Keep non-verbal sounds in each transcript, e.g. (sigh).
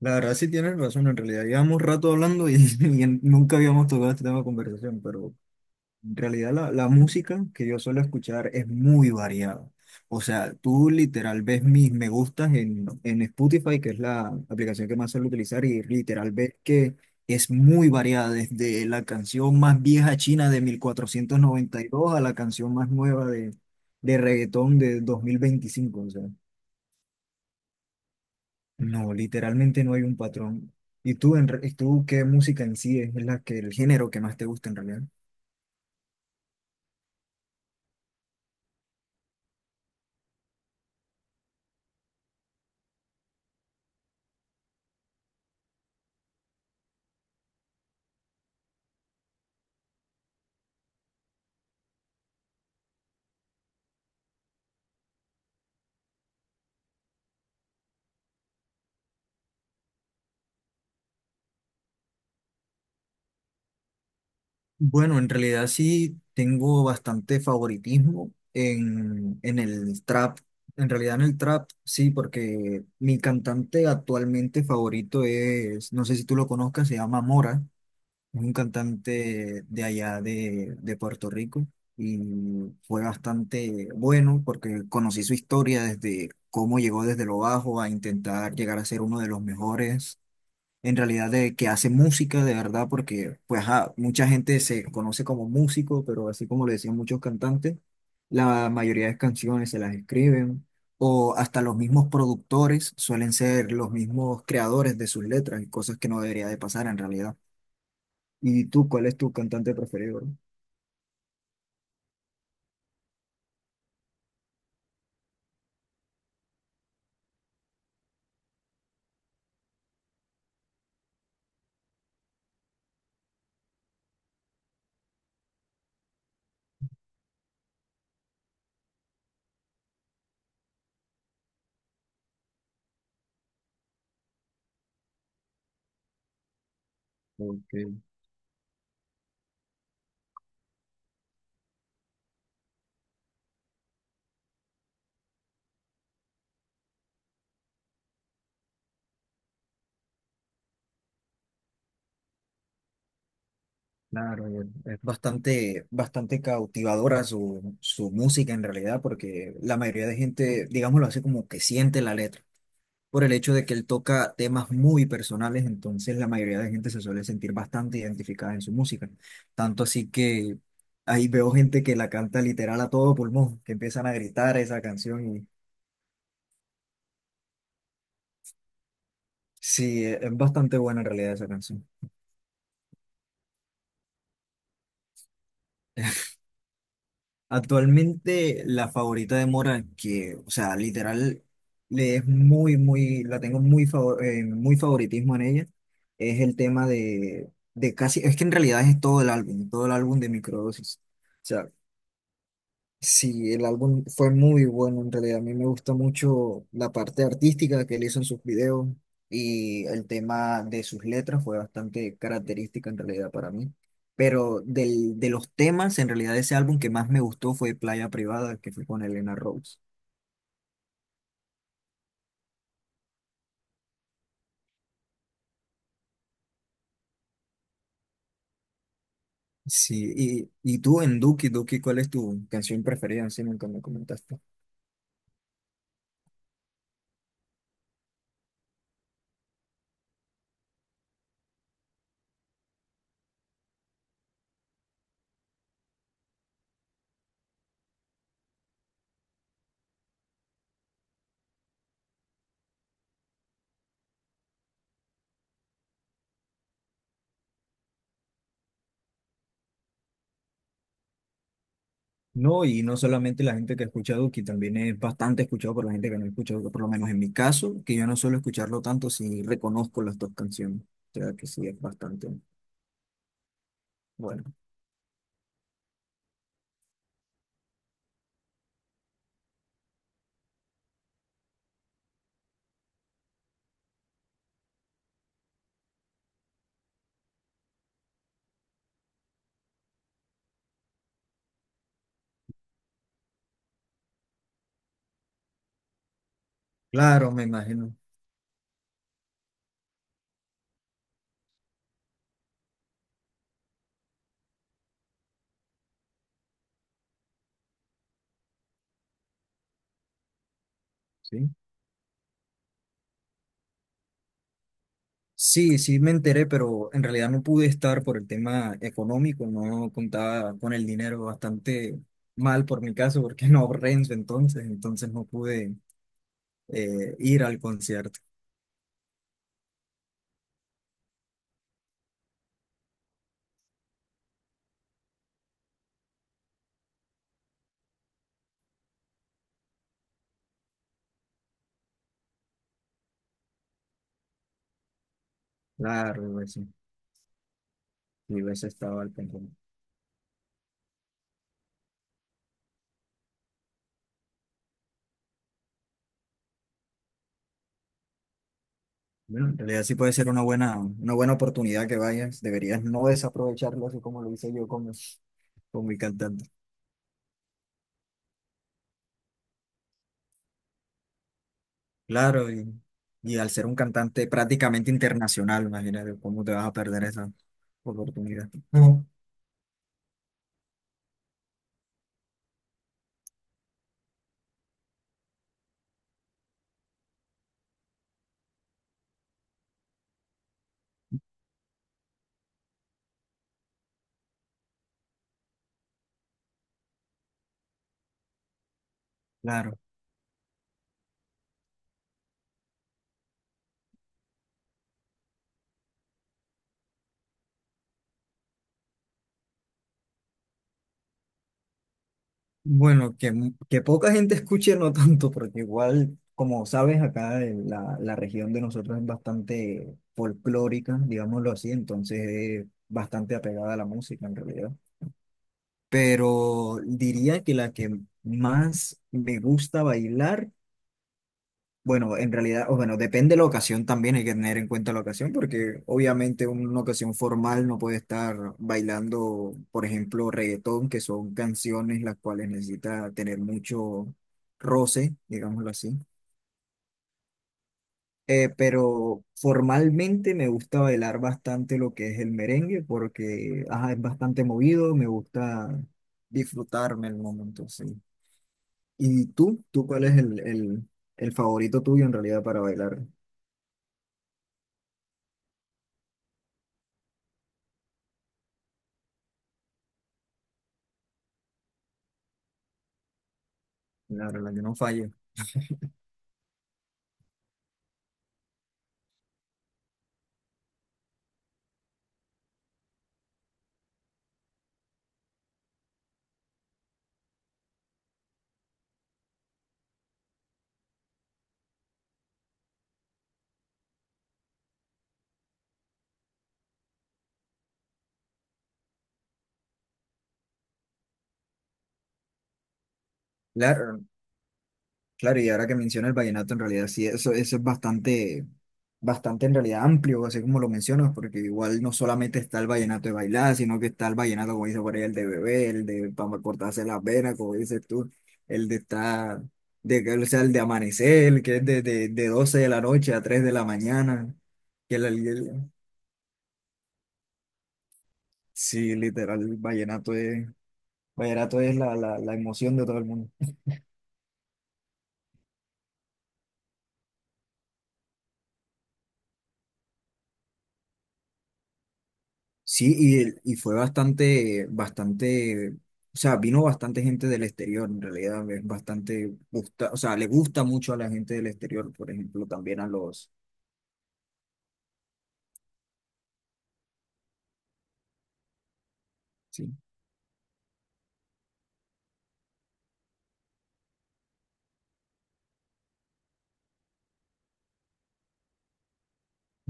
La verdad sí tienes razón, en realidad llevamos rato hablando y, (laughs) nunca habíamos tocado este tema de conversación, pero en realidad la música que yo suelo escuchar es muy variada. O sea, tú literal ves mis me gustas en Spotify, que es la aplicación que más suelo utilizar, y literal ves que es muy variada, desde la canción más vieja china de 1492 a la canción más nueva de, reggaetón de 2025. O sea. No, literalmente no hay un patrón. ¿Y tú, qué música en sí es la que, el género que más te gusta en realidad? Bueno, en realidad sí tengo bastante favoritismo en, el trap. En realidad en el trap sí, porque mi cantante actualmente favorito es, no sé si tú lo conozcas, se llama Mora. Es un cantante de allá de de Puerto Rico y fue bastante bueno porque conocí su historia desde cómo llegó desde lo bajo a intentar llegar a ser uno de los mejores. En realidad de que hace música de verdad porque pues ajá, mucha gente se conoce como músico, pero así como le decían muchos cantantes, la mayoría de canciones se las escriben o hasta los mismos productores suelen ser los mismos creadores de sus letras y cosas que no debería de pasar en realidad. ¿Y tú, cuál es tu cantante preferido? Porque, claro, y es bastante, bastante cautivadora su, música en realidad, porque la mayoría de gente, digámoslo así, como que siente la letra, por el hecho de que él toca temas muy personales, entonces la mayoría de gente se suele sentir bastante identificada en su música. Tanto así que ahí veo gente que la canta literal a todo pulmón, que empiezan a gritar esa canción y sí, es bastante buena en realidad esa canción. Actualmente la favorita de Mora, que, o sea, literal, le es muy, muy, la tengo muy, favor- muy favoritismo en ella, es el tema de casi, es que en realidad es todo el álbum de Microdosis. Sí, el álbum fue muy bueno en realidad. A mí me gusta mucho la parte artística que él hizo en sus videos y el tema de sus letras fue bastante característica en realidad para mí. Pero del, de los temas, en realidad ese álbum que más me gustó fue Playa Privada, que fue con Elena Rose. Sí, y tú en Duki, ¿cuál es tu canción preferida? Si nunca me comentaste. No, y no solamente la gente que escucha Duki, también es bastante escuchado por la gente que no escucha Duki, por lo menos en mi caso, que yo no suelo escucharlo tanto si reconozco las dos canciones. O sea que sí, es bastante bueno. Claro, me imagino. Sí, sí, sí me enteré, pero en realidad no pude estar por el tema económico, no contaba con el dinero, bastante mal por mi caso, porque (laughs) no ahorré en su entonces, entonces no pude ir al concierto. Claro, eso. Y hubiese estado al pendiente. Bueno, en realidad sí puede ser una buena oportunidad que vayas. Deberías no desaprovecharlo así como lo hice yo con mi cantante. Claro, y al ser un cantante prácticamente internacional, imagínate cómo te vas a perder esa oportunidad. No. Claro. Bueno, que, mu- que poca gente escuche, no tanto, porque igual, como sabes, acá en la región de nosotros es bastante folclórica, digámoslo así, entonces es bastante apegada a la música en realidad. Pero diría que la que más me gusta bailar, bueno, en realidad, o bueno, depende de la ocasión también, hay que tener en cuenta la ocasión, porque obviamente una ocasión formal no puede estar bailando, por ejemplo, reggaetón, que son canciones las cuales necesita tener mucho roce, digámoslo así. Pero formalmente me gusta bailar bastante lo que es el merengue porque ajá, es bastante movido, me gusta disfrutarme el momento, sí. ¿Y tú? ¿Tú cuál es el favorito tuyo en realidad para bailar? Claro, la que no falle. Claro, claro, y ahora que menciona el vallenato, en realidad sí, eso es bastante, bastante en realidad amplio, así como lo mencionas, porque igual no solamente está el vallenato de bailar, sino que está el vallenato, como dice por ahí, el de bebé, el de para cortarse las venas, como dices tú, el de estar, de, que- o sea, el de amanecer, el que es de, de 12 de la noche a 3 de la mañana, que sí, literal, el vallenato es vallenato es la emoción de todo el mundo. Sí, y, y fue bastante, bastante, o sea, vino bastante gente del exterior, en realidad es bastante, gusta, o sea, le gusta mucho a la gente del exterior, por ejemplo, también a los, sí.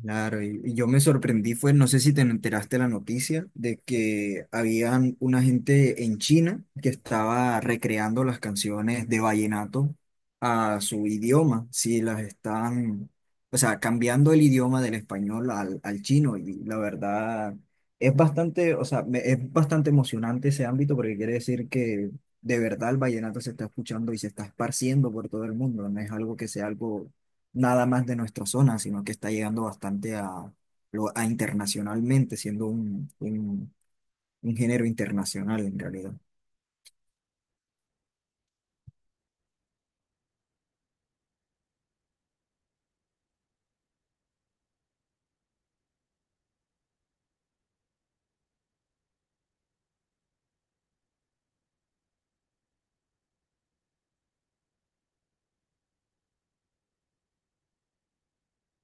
Claro, y yo me sorprendí fue, no sé si te enteraste la noticia de que habían una gente en China que estaba recreando las canciones de vallenato a su idioma, si las están, o sea, cambiando el idioma del español al, al chino y la verdad es bastante, o sea, es bastante emocionante ese ámbito porque quiere decir que de verdad el vallenato se está escuchando y se está esparciendo por todo el mundo, no es algo que sea algo nada más de nuestra zona, sino que está llegando bastante a, internacionalmente, siendo un, un género internacional en realidad.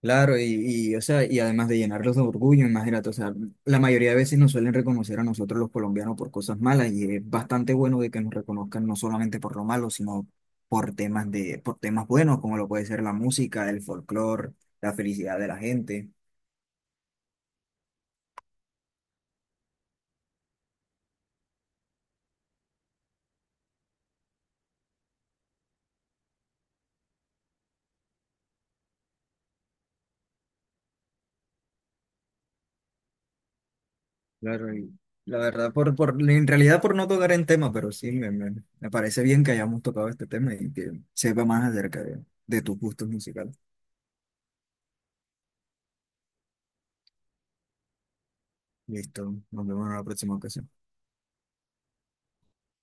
Claro, y, o sea, y además de llenarlos de orgullo, imagínate, o sea, la mayoría de veces nos suelen reconocer a nosotros los colombianos por cosas malas y es bastante bueno de que nos reconozcan no solamente por lo malo, sino por temas de, por temas buenos, como lo puede ser la música, el folclore, la felicidad de la gente. Claro, y la verdad, en realidad por no tocar en tema, pero sí, me parece bien que hayamos tocado este tema y que sepa más acerca de, tus gustos musicales. Listo, nos vemos en la próxima ocasión.